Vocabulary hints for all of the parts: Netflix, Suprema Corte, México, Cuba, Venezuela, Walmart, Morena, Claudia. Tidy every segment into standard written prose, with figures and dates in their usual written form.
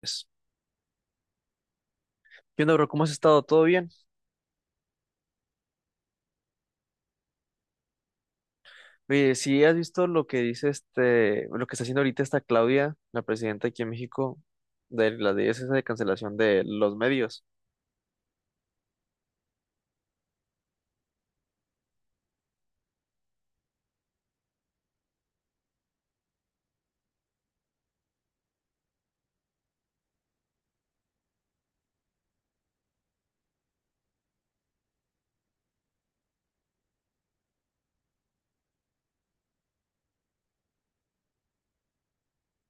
Pues, ¿qué onda, bro? ¿Cómo has estado? ¿Todo bien? Oye, si has visto lo que dice lo que está haciendo ahorita esta Claudia, la presidenta aquí en México, de la de esa de cancelación de los medios.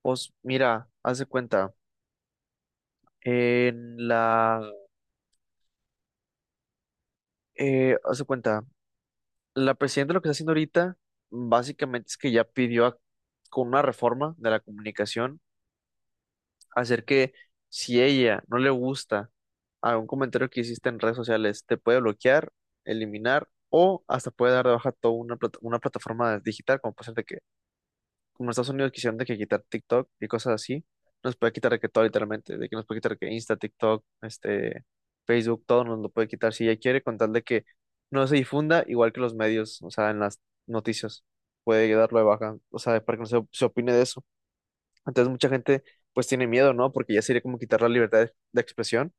Pues mira, haz de cuenta, en la, haz de cuenta, la presidenta lo que está haciendo ahorita, básicamente es que ya con una reforma de la comunicación hacer que si ella no le gusta algún comentario que hiciste en redes sociales, te puede bloquear, eliminar o hasta puede dar de baja toda una, una plataforma digital, como puede ser de que, como en Estados Unidos quisieron de que quitar TikTok y cosas así, nos puede quitar de que todo literalmente, de que nos puede quitar que Insta, TikTok, Facebook, todo nos lo puede quitar si ella quiere, con tal de que no se difunda igual que los medios, o sea, en las noticias, puede darlo de baja, o sea, para que no se opine de eso. Entonces mucha gente pues tiene miedo, ¿no? Porque ya sería como quitar la libertad de expresión.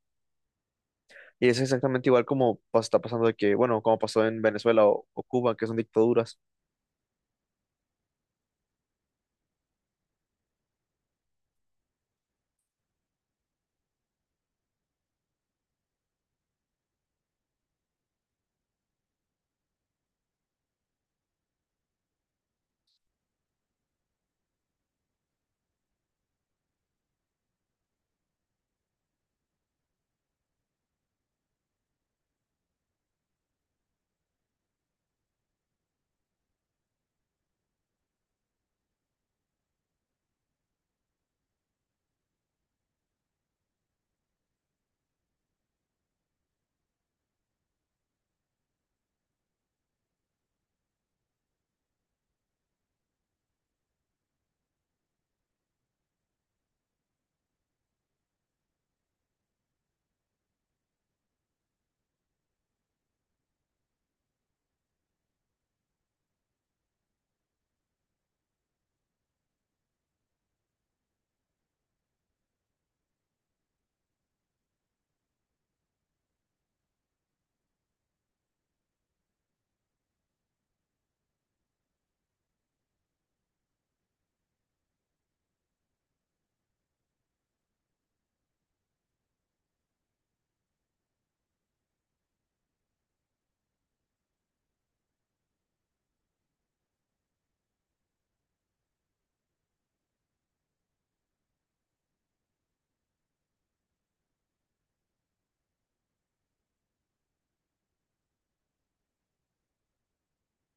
Y es exactamente igual como está pasando de que, bueno, como pasó en Venezuela o Cuba, que son dictaduras.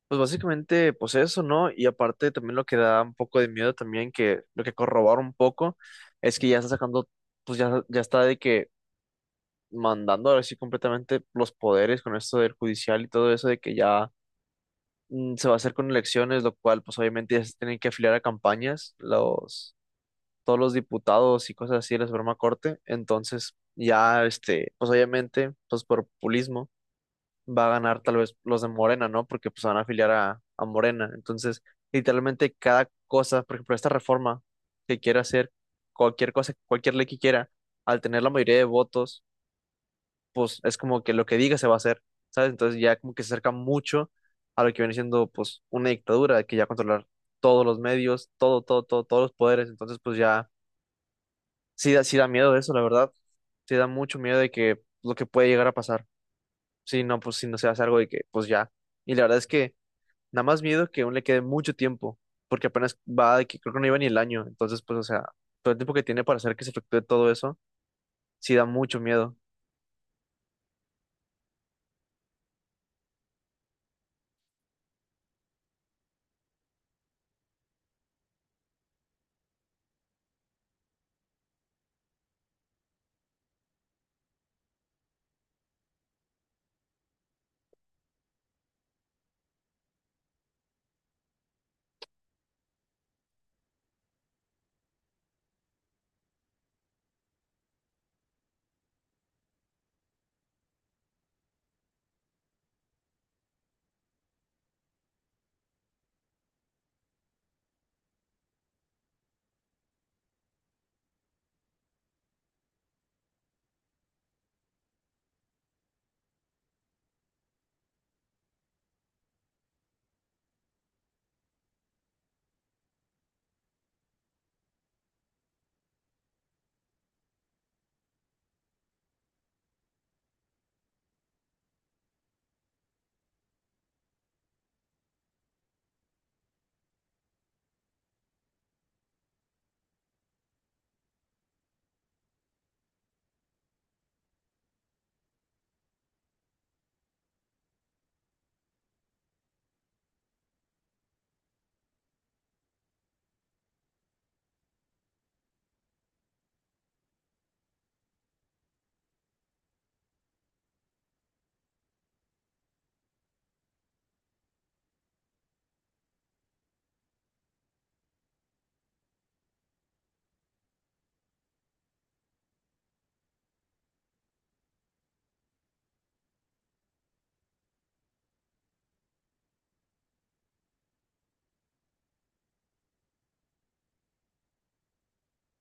Pues básicamente, pues eso, ¿no? Y aparte también lo que da un poco de miedo también, que lo que corrobora un poco, es que ya está sacando, pues ya, ya está de que mandando ahora sí completamente los poderes con esto del judicial y todo eso de que ya se va a hacer con elecciones, lo cual pues obviamente ya se tienen que afiliar a campañas los todos los diputados y cosas así de la Suprema Corte. Entonces, ya, pues obviamente, pues por populismo va a ganar tal vez los de Morena, ¿no? Porque pues van a afiliar a Morena. Entonces, literalmente cada cosa, por ejemplo, esta reforma que quiere hacer, cualquier cosa, cualquier ley que quiera, al tener la mayoría de votos, pues es como que lo que diga se va a hacer, ¿sabes? Entonces ya como que se acerca mucho a lo que viene siendo pues una dictadura que ya controlar todos los medios, todo, todo, todo, todos los poderes. Entonces, pues ya sí da, sí da miedo eso, la verdad. Sí da mucho miedo de que lo que puede llegar a pasar. Si no, pues si no se hace algo de que, pues ya. Y la verdad es que nada más miedo que aún le quede mucho tiempo, porque apenas va de que creo que no iba ni el año. Entonces, pues, o sea, todo el tiempo que tiene para hacer que se efectúe todo eso, sí da mucho miedo.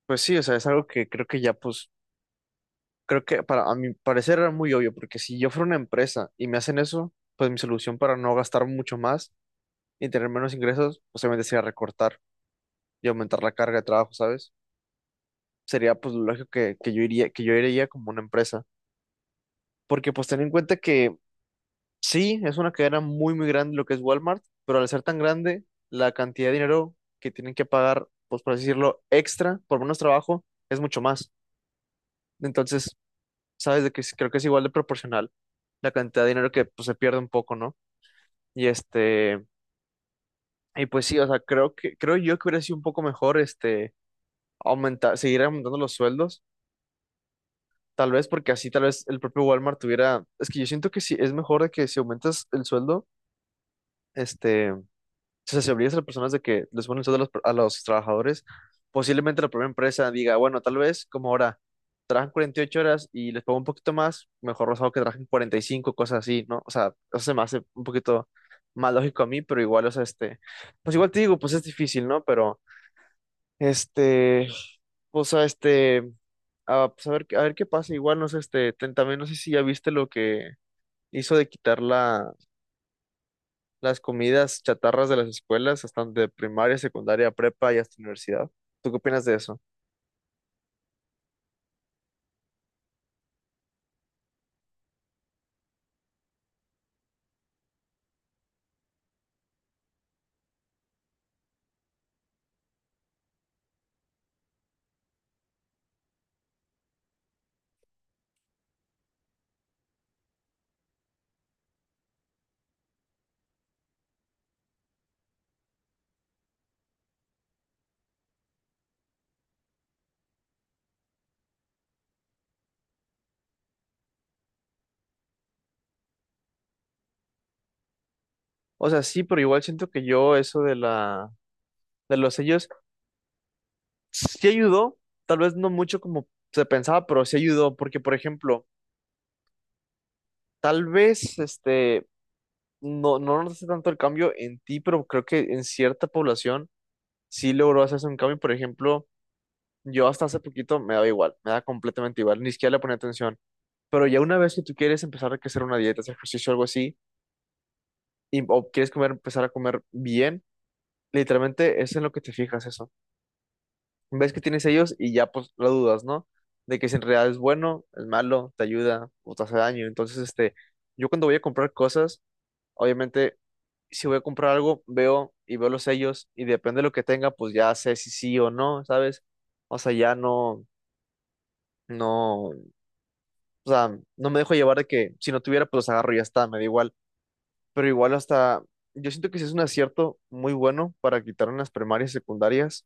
Pues sí, o sea, es algo que creo que ya, pues, creo que para a mi parecer era muy obvio, porque si yo fuera una empresa y me hacen eso, pues mi solución para no gastar mucho más y tener menos ingresos, pues obviamente sería recortar y aumentar la carga de trabajo, ¿sabes? Sería pues lo lógico que yo iría como una empresa. Porque pues ten en cuenta que sí, es una cadena muy, muy grande lo que es Walmart, pero al ser tan grande, la cantidad de dinero que tienen que pagar, pues por así decirlo, extra por menos trabajo, es mucho más. Entonces, sabes de que creo que es igual de proporcional la cantidad de dinero que pues, se pierde un poco, ¿no? Y y pues sí, o sea, creo que, creo yo que hubiera sido un poco mejor aumentar, seguir aumentando los sueldos. Tal vez porque así tal vez el propio Walmart tuviera, es que yo siento que sí, es mejor de que si aumentas el sueldo, o sea, si obligas a las personas de que les ponen el sueldo a los trabajadores, posiblemente la propia empresa diga, bueno, tal vez como ahora trabajan 48 horas y les pago un poquito más, mejor los hago que trabajen 45 cosas así, ¿no? O sea, eso se me hace un poquito más lógico a mí, pero igual, o sea, pues igual te digo, pues es difícil, ¿no? Pero, este, o sea, Ah, pues a ver, a ver qué pasa. Igual, no sé, también no sé si ya viste lo que hizo de quitar la, las comidas chatarras de las escuelas, hasta de primaria, secundaria, prepa y hasta universidad. ¿Tú qué opinas de eso? O sea, sí, pero igual siento que yo eso de la, de los sellos sí ayudó, tal vez no mucho como se pensaba, pero sí ayudó, porque por ejemplo, tal vez no notaste tanto el cambio en ti, pero creo que en cierta población sí logró hacerse un cambio, por ejemplo. Yo hasta hace poquito me daba igual, me da completamente igual, ni siquiera le ponía atención. Pero ya una vez que tú quieres empezar a hacer una dieta, hacer ejercicio algo así, y, o quieres comer, empezar a comer bien, literalmente es en lo que te fijas eso. Ves que tienes ellos y ya pues lo dudas, ¿no? De que si en realidad es bueno, es malo, te ayuda o te hace daño. Entonces, yo cuando voy a comprar cosas, obviamente, si voy a comprar algo, veo y veo los sellos y depende de lo que tenga, pues ya sé si sí o no, ¿sabes? O sea, ya no, no. O sea, no me dejo llevar de que si no tuviera, pues los agarro y ya está, me da igual. Pero igual hasta, yo siento que sí es un acierto muy bueno para quitar en las primarias y secundarias.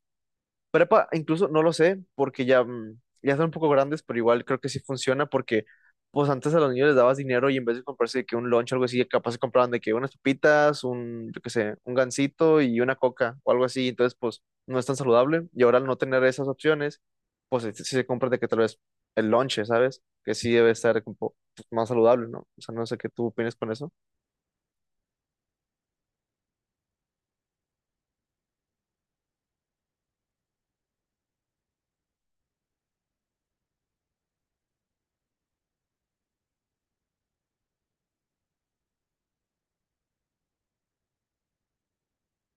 Prepa, incluso no lo sé, porque ya, ya son un poco grandes, pero igual creo que sí funciona, porque pues antes a los niños les dabas dinero y en vez de comprarse de que un lunch o algo así, capaz se compraban de que unas papitas, un, yo qué sé, un gansito y una coca o algo así, entonces pues no es tan saludable. Y ahora al no tener esas opciones, pues sí se compra de que tal vez el lunch, ¿sabes? Que sí debe estar un más saludable, ¿no? O sea, no sé qué tú opinas con eso.